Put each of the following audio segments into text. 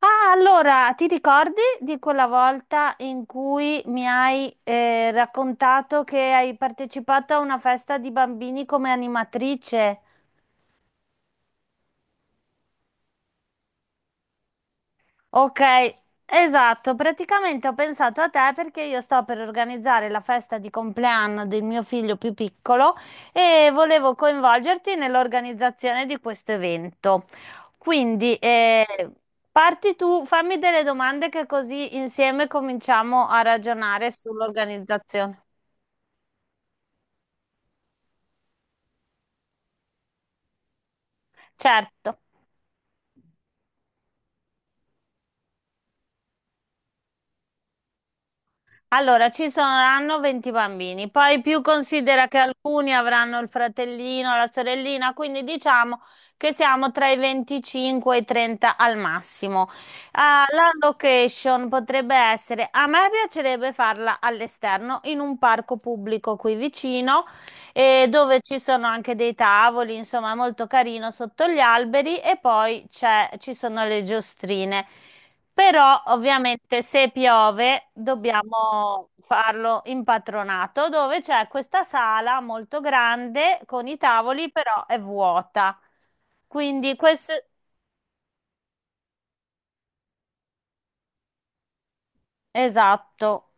Ah, allora, ti ricordi di quella volta in cui mi hai raccontato che hai partecipato a una festa di bambini come animatrice? Ok, esatto, praticamente ho pensato a te perché io sto per organizzare la festa di compleanno del mio figlio più piccolo e volevo coinvolgerti nell'organizzazione di questo evento. Quindi parti tu, fammi delle domande che così insieme cominciamo a ragionare sull'organizzazione. Certo. Allora, ci saranno 20 bambini, poi più considera che alcuni avranno il fratellino, la sorellina, quindi diciamo che siamo tra i 25 e i 30 al massimo. Ah, la location potrebbe essere, a me piacerebbe farla all'esterno, in un parco pubblico qui vicino, dove ci sono anche dei tavoli, insomma, è molto carino sotto gli alberi e poi ci sono le giostrine. Però ovviamente se piove dobbiamo farlo in patronato, dove c'è questa sala molto grande con i tavoli, però è vuota. Quindi questo esatto,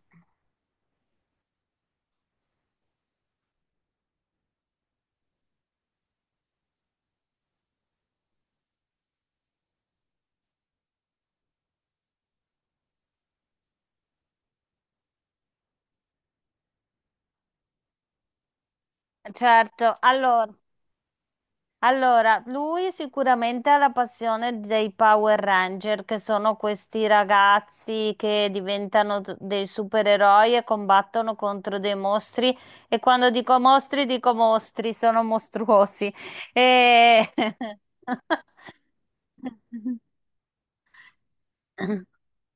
certo. Allora, lui sicuramente ha la passione dei Power Ranger, che sono questi ragazzi che diventano dei supereroi e combattono contro dei mostri. E quando dico mostri, sono mostruosi. E...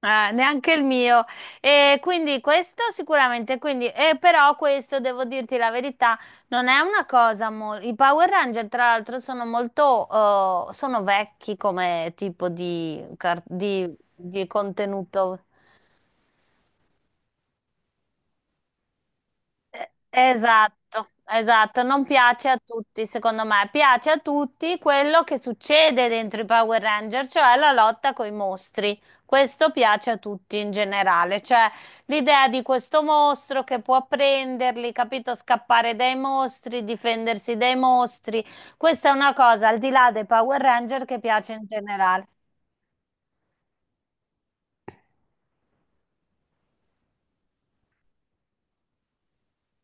Ah, neanche il mio. E quindi questo sicuramente, quindi, e però questo devo dirti la verità, non è una cosa molto... I Power Ranger, tra l'altro, sono molto... sono vecchi come tipo di, di contenuto. Esatto, esatto, non piace a tutti, secondo me, piace a tutti quello che succede dentro i Power Ranger, cioè la lotta coi mostri. Questo piace a tutti in generale, cioè l'idea di questo mostro che può prenderli, capito, scappare dai mostri, difendersi dai mostri. Questa è una cosa al di là dei Power Ranger che piace in generale.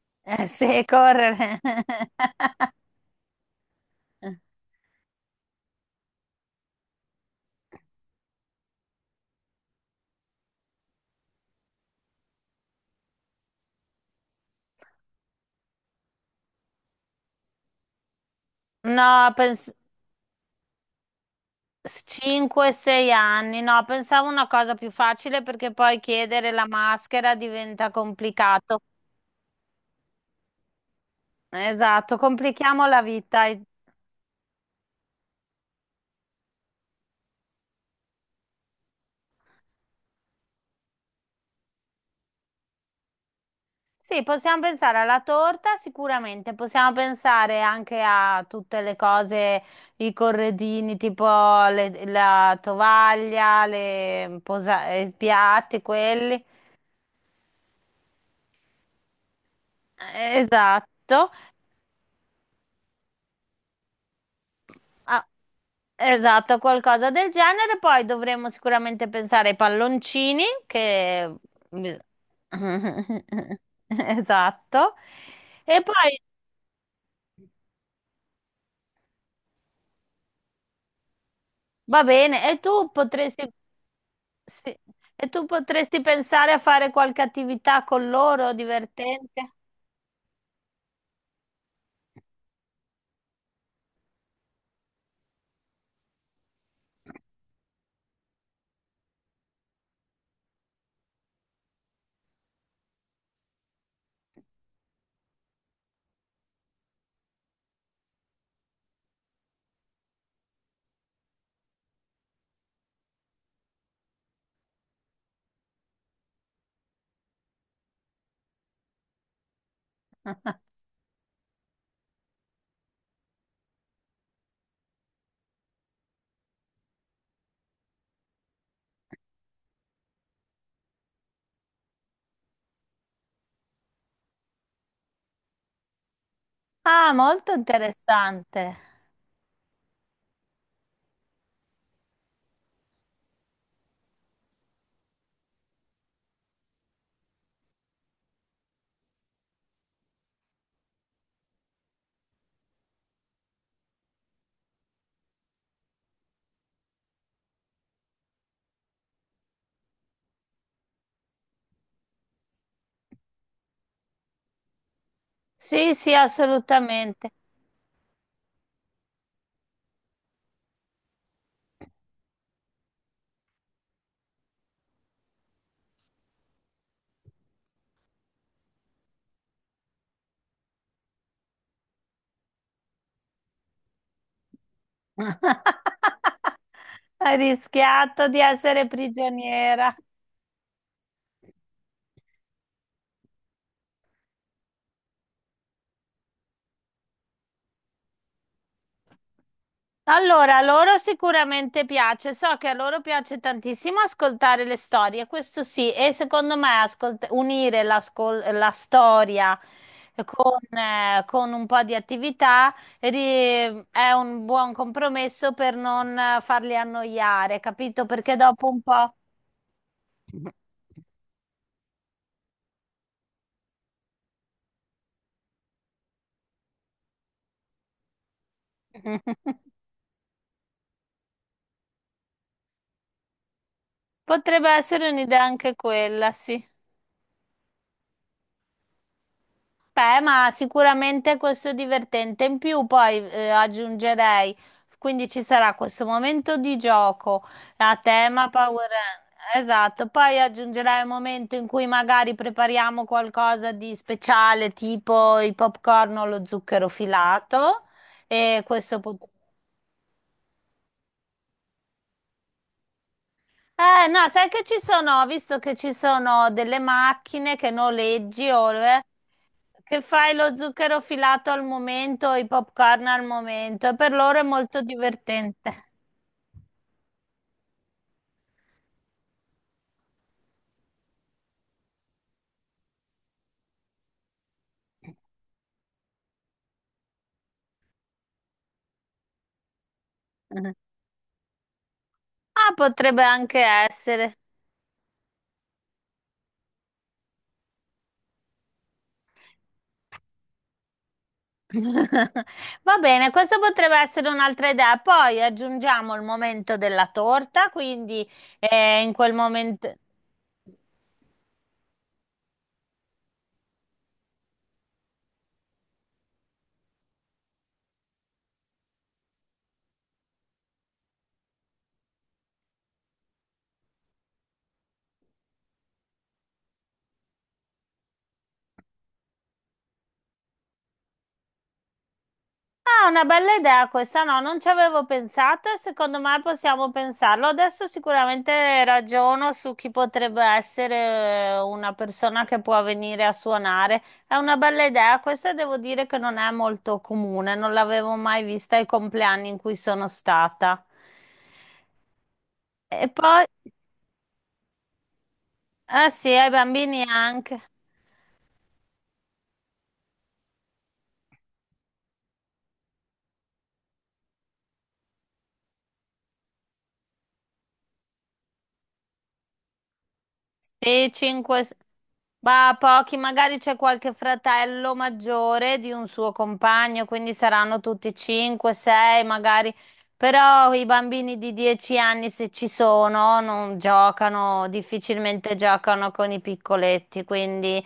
Sì, correre. No, penso. 5-6 anni, no, pensavo una cosa più facile perché poi chiedere la maschera diventa complicato. Esatto, complichiamo la vita. Sì, possiamo pensare alla torta sicuramente, possiamo pensare anche a tutte le cose, i corredini, tipo la tovaglia, i piatti, quelli. Esatto. Ah, esatto, qualcosa del genere. Poi dovremmo sicuramente pensare ai palloncini che... Esatto. E poi va bene, e tu potresti sì, e tu potresti pensare a fare qualche attività con loro divertente? Ah, molto interessante. Sì, sì, assolutamente. Hai rischiato di essere prigioniera. Allora, a loro sicuramente piace, so che a loro piace tantissimo ascoltare le storie, questo sì, e secondo me unire la storia con un po' di attività ri- è un buon compromesso per non farli annoiare, capito? Perché dopo un po'... Potrebbe essere un'idea anche quella, sì. Beh, ma sicuramente questo è divertente. In più poi aggiungerei, quindi ci sarà questo momento di gioco a tema Power Rangers. Esatto, poi aggiungerai un momento in cui magari prepariamo qualcosa di speciale, tipo i popcorn o lo zucchero filato. E questo pot- no, sai che ci sono, ho visto che ci sono delle macchine che noleggi o che fai lo zucchero filato al momento, i popcorn al momento, e per loro è molto divertente. Ah, potrebbe anche essere. Va bene, questa potrebbe essere un'altra idea. Poi aggiungiamo il momento della torta, quindi in quel momento. Ah, una bella idea questa, no, non ci avevo pensato e secondo me possiamo pensarlo. Adesso sicuramente ragiono su chi potrebbe essere una persona che può venire a suonare. È una bella idea, questa devo dire che non è molto comune, non l'avevo mai vista ai compleanni in cui sono stata. E poi, ah sì, ai bambini anche. Sì, ma pochi, magari c'è qualche fratello maggiore di un suo compagno, quindi saranno tutti 5, 6 magari. Però i bambini di 10 anni, se ci sono, non giocano, difficilmente giocano con i piccoletti, quindi,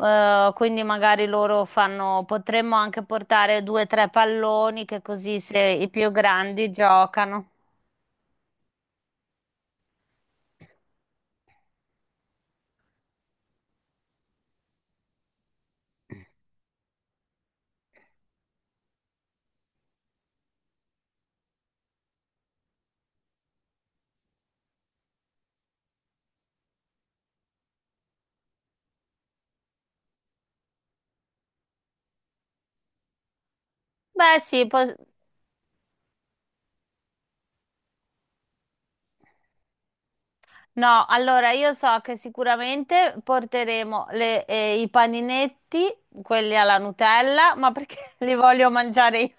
quindi magari loro fanno, potremmo anche portare due o tre palloni, che così se i più grandi giocano. Beh, sì, no, allora io so che sicuramente porteremo i paninetti, quelli alla Nutella, ma perché li voglio mangiare io?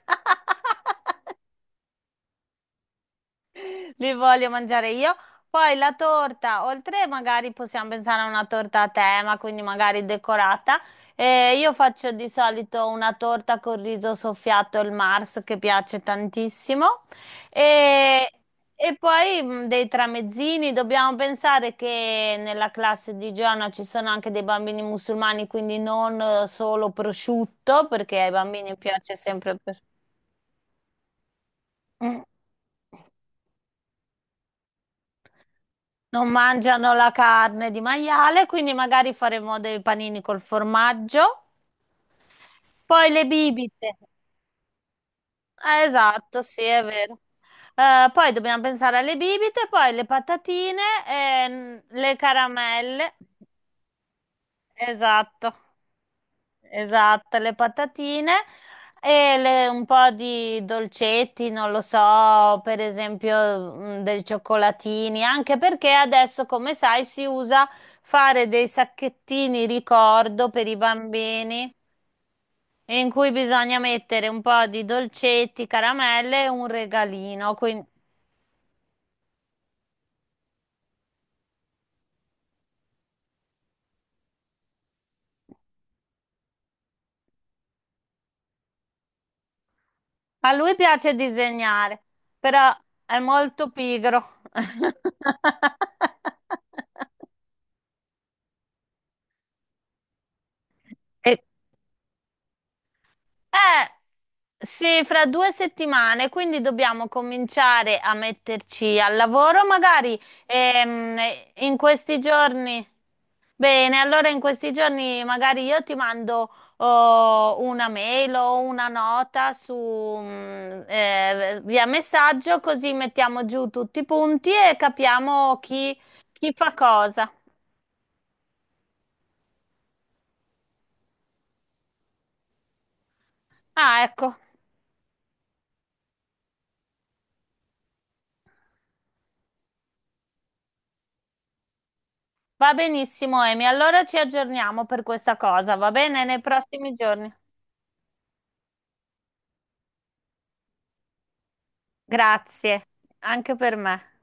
Li voglio mangiare io. Poi la torta, oltre magari possiamo pensare a una torta a tema, quindi magari decorata. Io faccio di solito una torta con riso soffiato, il Mars, che piace tantissimo. E, e poi dei tramezzini. Dobbiamo pensare che nella classe di Giovanna ci sono anche dei bambini musulmani, quindi non solo prosciutto, perché ai bambini piace sempre il prosciutto. Mm, Non mangiano la carne di maiale, quindi magari faremo dei panini col formaggio. Poi le bibite. Esatto, sì, è vero. Poi dobbiamo pensare alle bibite, poi le patatine, e le caramelle. Esatto. Esatto, le patatine e un po' di dolcetti, non lo so, per esempio dei cioccolatini, anche perché adesso, come sai, si usa fare dei sacchettini ricordo per i bambini in cui bisogna mettere un po' di dolcetti, caramelle e un regalino. Quindi a lui piace disegnare, però è molto pigro. E sì, fra 2 settimane, quindi dobbiamo cominciare a metterci al lavoro, magari ehm, in questi giorni. Bene, allora in questi giorni magari io ti mando oh, una mail o una nota su, via messaggio, così mettiamo giù tutti i punti e capiamo chi fa cosa. Ah, ecco, va benissimo, Emi. Allora ci aggiorniamo per questa cosa, va bene? Nei prossimi giorni. Grazie, anche per me.